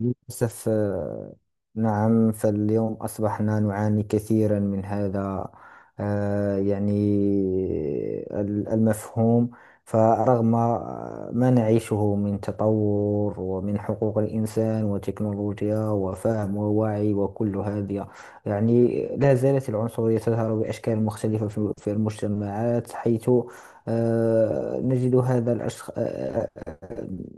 للأسف نعم، فاليوم أصبحنا نعاني كثيرا من هذا. يعني المفهوم، فرغم ما نعيشه من تطور ومن حقوق الإنسان وتكنولوجيا وفهم ووعي وكل هذه، يعني لا زالت العنصرية تظهر بأشكال مختلفة في المجتمعات، حيث نجد هذا الأشخاص.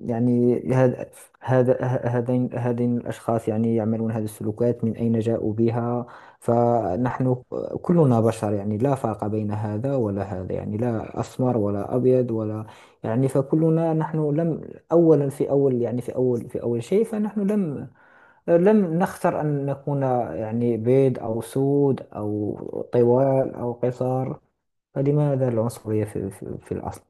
يعني هذا هذين الأشخاص، يعني يعملون هذه السلوكات، من أين جاءوا بها؟ فنحن كلنا بشر، يعني لا فرق بين هذا ولا هذا، يعني لا أسمر ولا أبيض ولا، يعني فكلنا نحن لم، أولا في أول، يعني في أول شيء، فنحن لم نختر أن نكون يعني بيض أو سود أو طوال أو قصار. فلماذا العنصرية في الأصل؟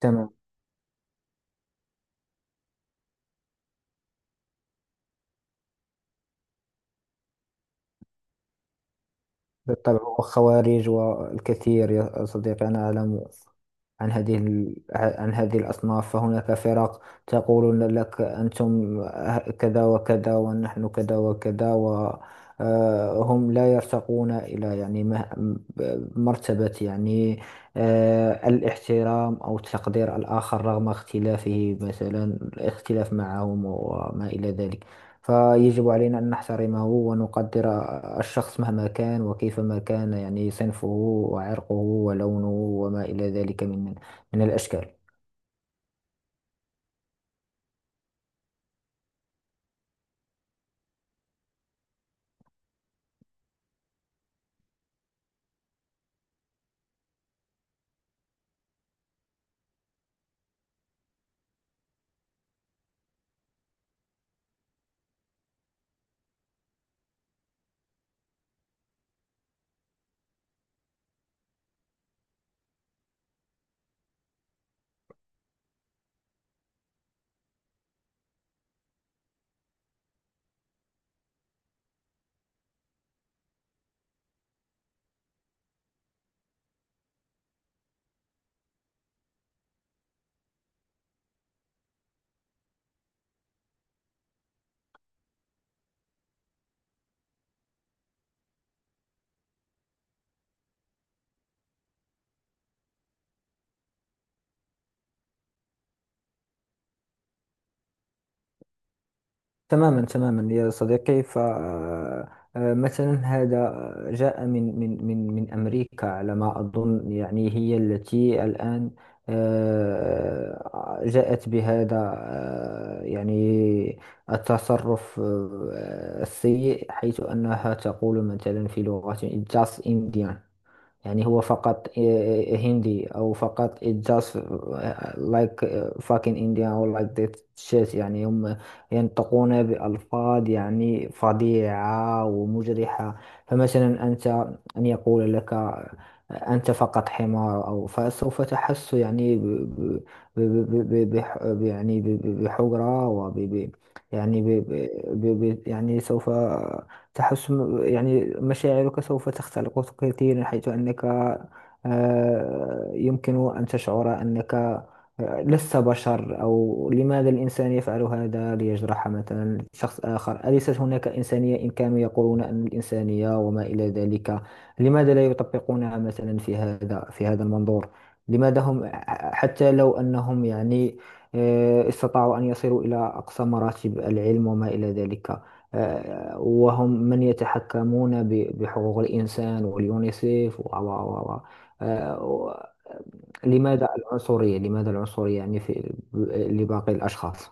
تمام. بالطبع، والخوارج والكثير يا صديقي، أنا أعلم عن عن هذه الأصناف، فهناك فرق تقول لك: أنتم كذا وكذا، ونحن كذا وكذا، وهم لا يرتقون إلى يعني مرتبة، يعني الاحترام أو تقدير الآخر رغم اختلافه، مثلا الاختلاف معهم وما إلى ذلك. فيجب علينا أن نحترمه ونقدر الشخص مهما كان وكيفما كان، يعني صنفه وعرقه ولونه وما إلى ذلك من الأشكال. تماما تماما يا صديقي. ف آه، آه، مثلا هذا جاء من أمريكا على ما أظن، يعني هي التي الآن جاءت بهذا يعني التصرف السيء، حيث أنها تقول مثلا في لغة: just Indian، يعني هو فقط هندي، أو فقط it just like fucking Indian or like that shit. يعني هم ينطقون بألفاظ يعني فظيعة ومجرحة. فمثلا أنت، أن يقول لك: أنت فقط حمار، أو فسوف تحس يعني ب ب ب ب ب بح- يعني ب- ب- بحجرة، وب ب- يعني ب ب ب ب- يعني سوف تحسن يعني مشاعرك، سوف تختلق كثيرا، حيث أنك يمكن أن تشعر أنك لست بشر. أو لماذا الإنسان يفعل هذا ليجرح مثلا شخص آخر؟ أليست هناك إنسانية؟ إن كانوا يقولون أن الإنسانية وما إلى ذلك، لماذا لا يطبقونها مثلا في هذا، في هذا المنظور؟ لماذا هم، حتى لو أنهم يعني استطاعوا أن يصلوا إلى أقصى مراتب العلم وما إلى ذلك، وهم من يتحكمون بحقوق الإنسان واليونيسيف و لماذا العنصرية، لماذا العنصرية يعني في لباقي الأشخاص؟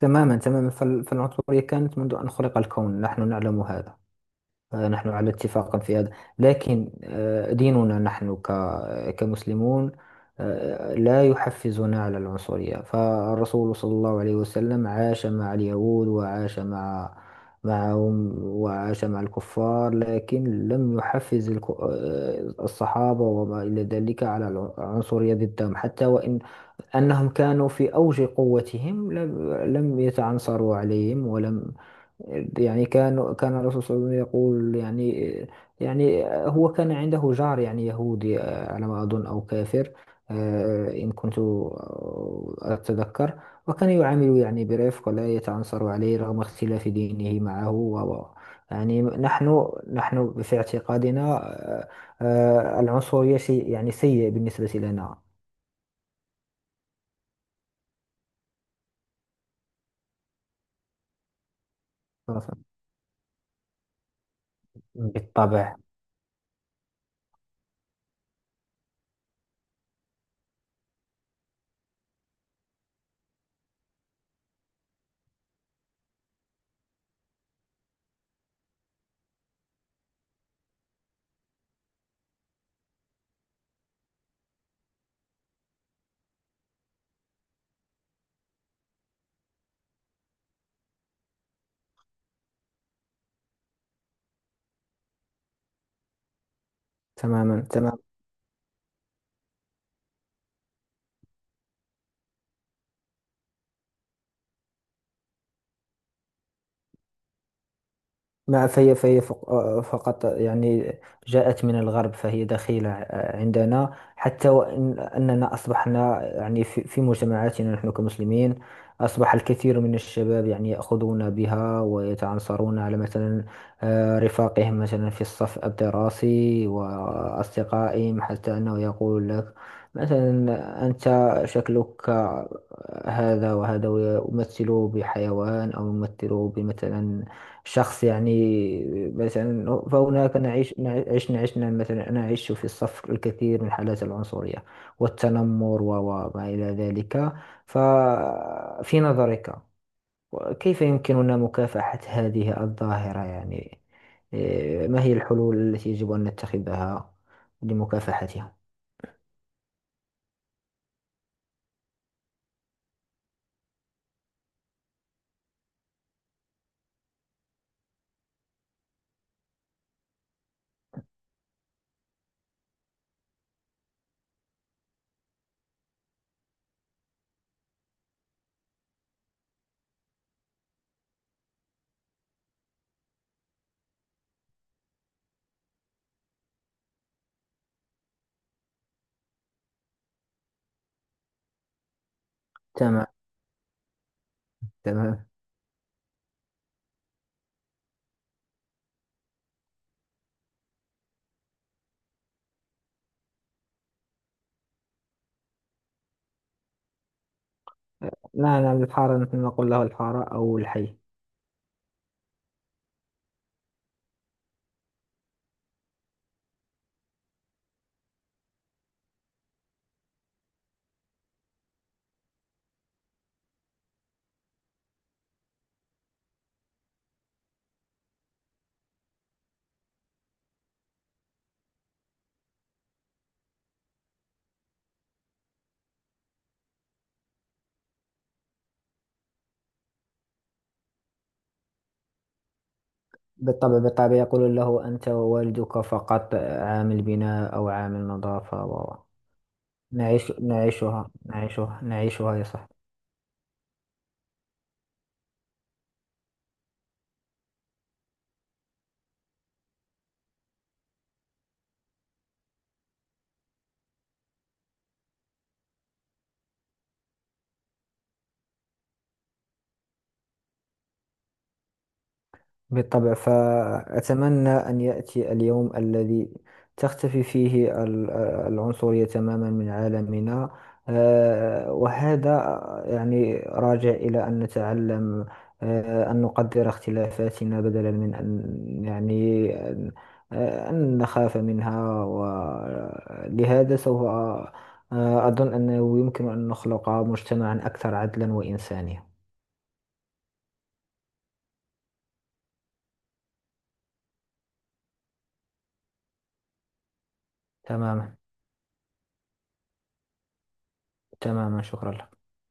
تماما تماما، فالعنصرية كانت منذ أن خلق الكون، نحن نعلم هذا. نحن على اتفاق في هذا. لكن ديننا، نحن كمسلمون، لا يحفزنا على العنصرية. فالرسول صلى الله عليه وسلم عاش مع اليهود، وعاش معهم، وعاش مع الكفار، لكن لم يحفز الصحابة وما إلى ذلك على العنصرية ضدهم، حتى وإن أنهم كانوا في أوج قوتهم، لم يتعنصروا عليهم ولم، يعني كان الرسول صلى الله عليه وسلم يقول، يعني يعني هو كان عنده جار يعني يهودي، على ما أظن، أو كافر، إن كنت أتذكر، وكان يعامله يعني برفق، ولا يتعنصر عليه رغم اختلاف دينه معه يعني نحن في اعتقادنا، العنصرية شيء يعني سيء بالنسبة لنا. بالطبع. تماما تماما. ما فهي فهي فق- آه، فقط، يعني جاءت من الغرب، فهي دخيلة عندنا. حتى وإن أننا أصبحنا يعني في مجتمعاتنا نحن كمسلمين، أصبح الكثير من الشباب يعني يأخذون بها ويتعنصرون على، مثلا رفاقهم مثلا في الصف الدراسي وأصدقائهم، حتى أنه يقول لك مثلا: أنت شكلك هذا وهذا، ويمثله بحيوان أو يمثله بمثلا شخص يعني، مثلا فهناك نعيش، عشنا مثلا، أنا أعيش في الصف الكثير من حالات العنصرية والتنمر وما إلى ذلك. ففي نظرك، كيف يمكننا مكافحة هذه الظاهرة؟ يعني إيه، ما هي الحلول التي يجب أن نتخذها لمكافحتها؟ تمام. تمام. نعم، نعم، الحارة، نحن نقول له الحارة أو الحي. بالطبع، بالطبع، يقول له: أنت ووالدك فقط عامل البناء أو عامل النظافة نعيش، نعيشها، نعيشها، نعيشها يا صاحبي. بالطبع، فأتمنى أن يأتي اليوم الذي تختفي فيه العنصرية تماما من عالمنا. وهذا يعني راجع إلى أن نتعلم، أن نقدر اختلافاتنا بدلا من أن يعني أن أن نخاف منها. ولهذا سوف أظن أنه يمكن أن نخلق مجتمعا أكثر عدلا وإنسانية. تماما. تماما، شكرا لك.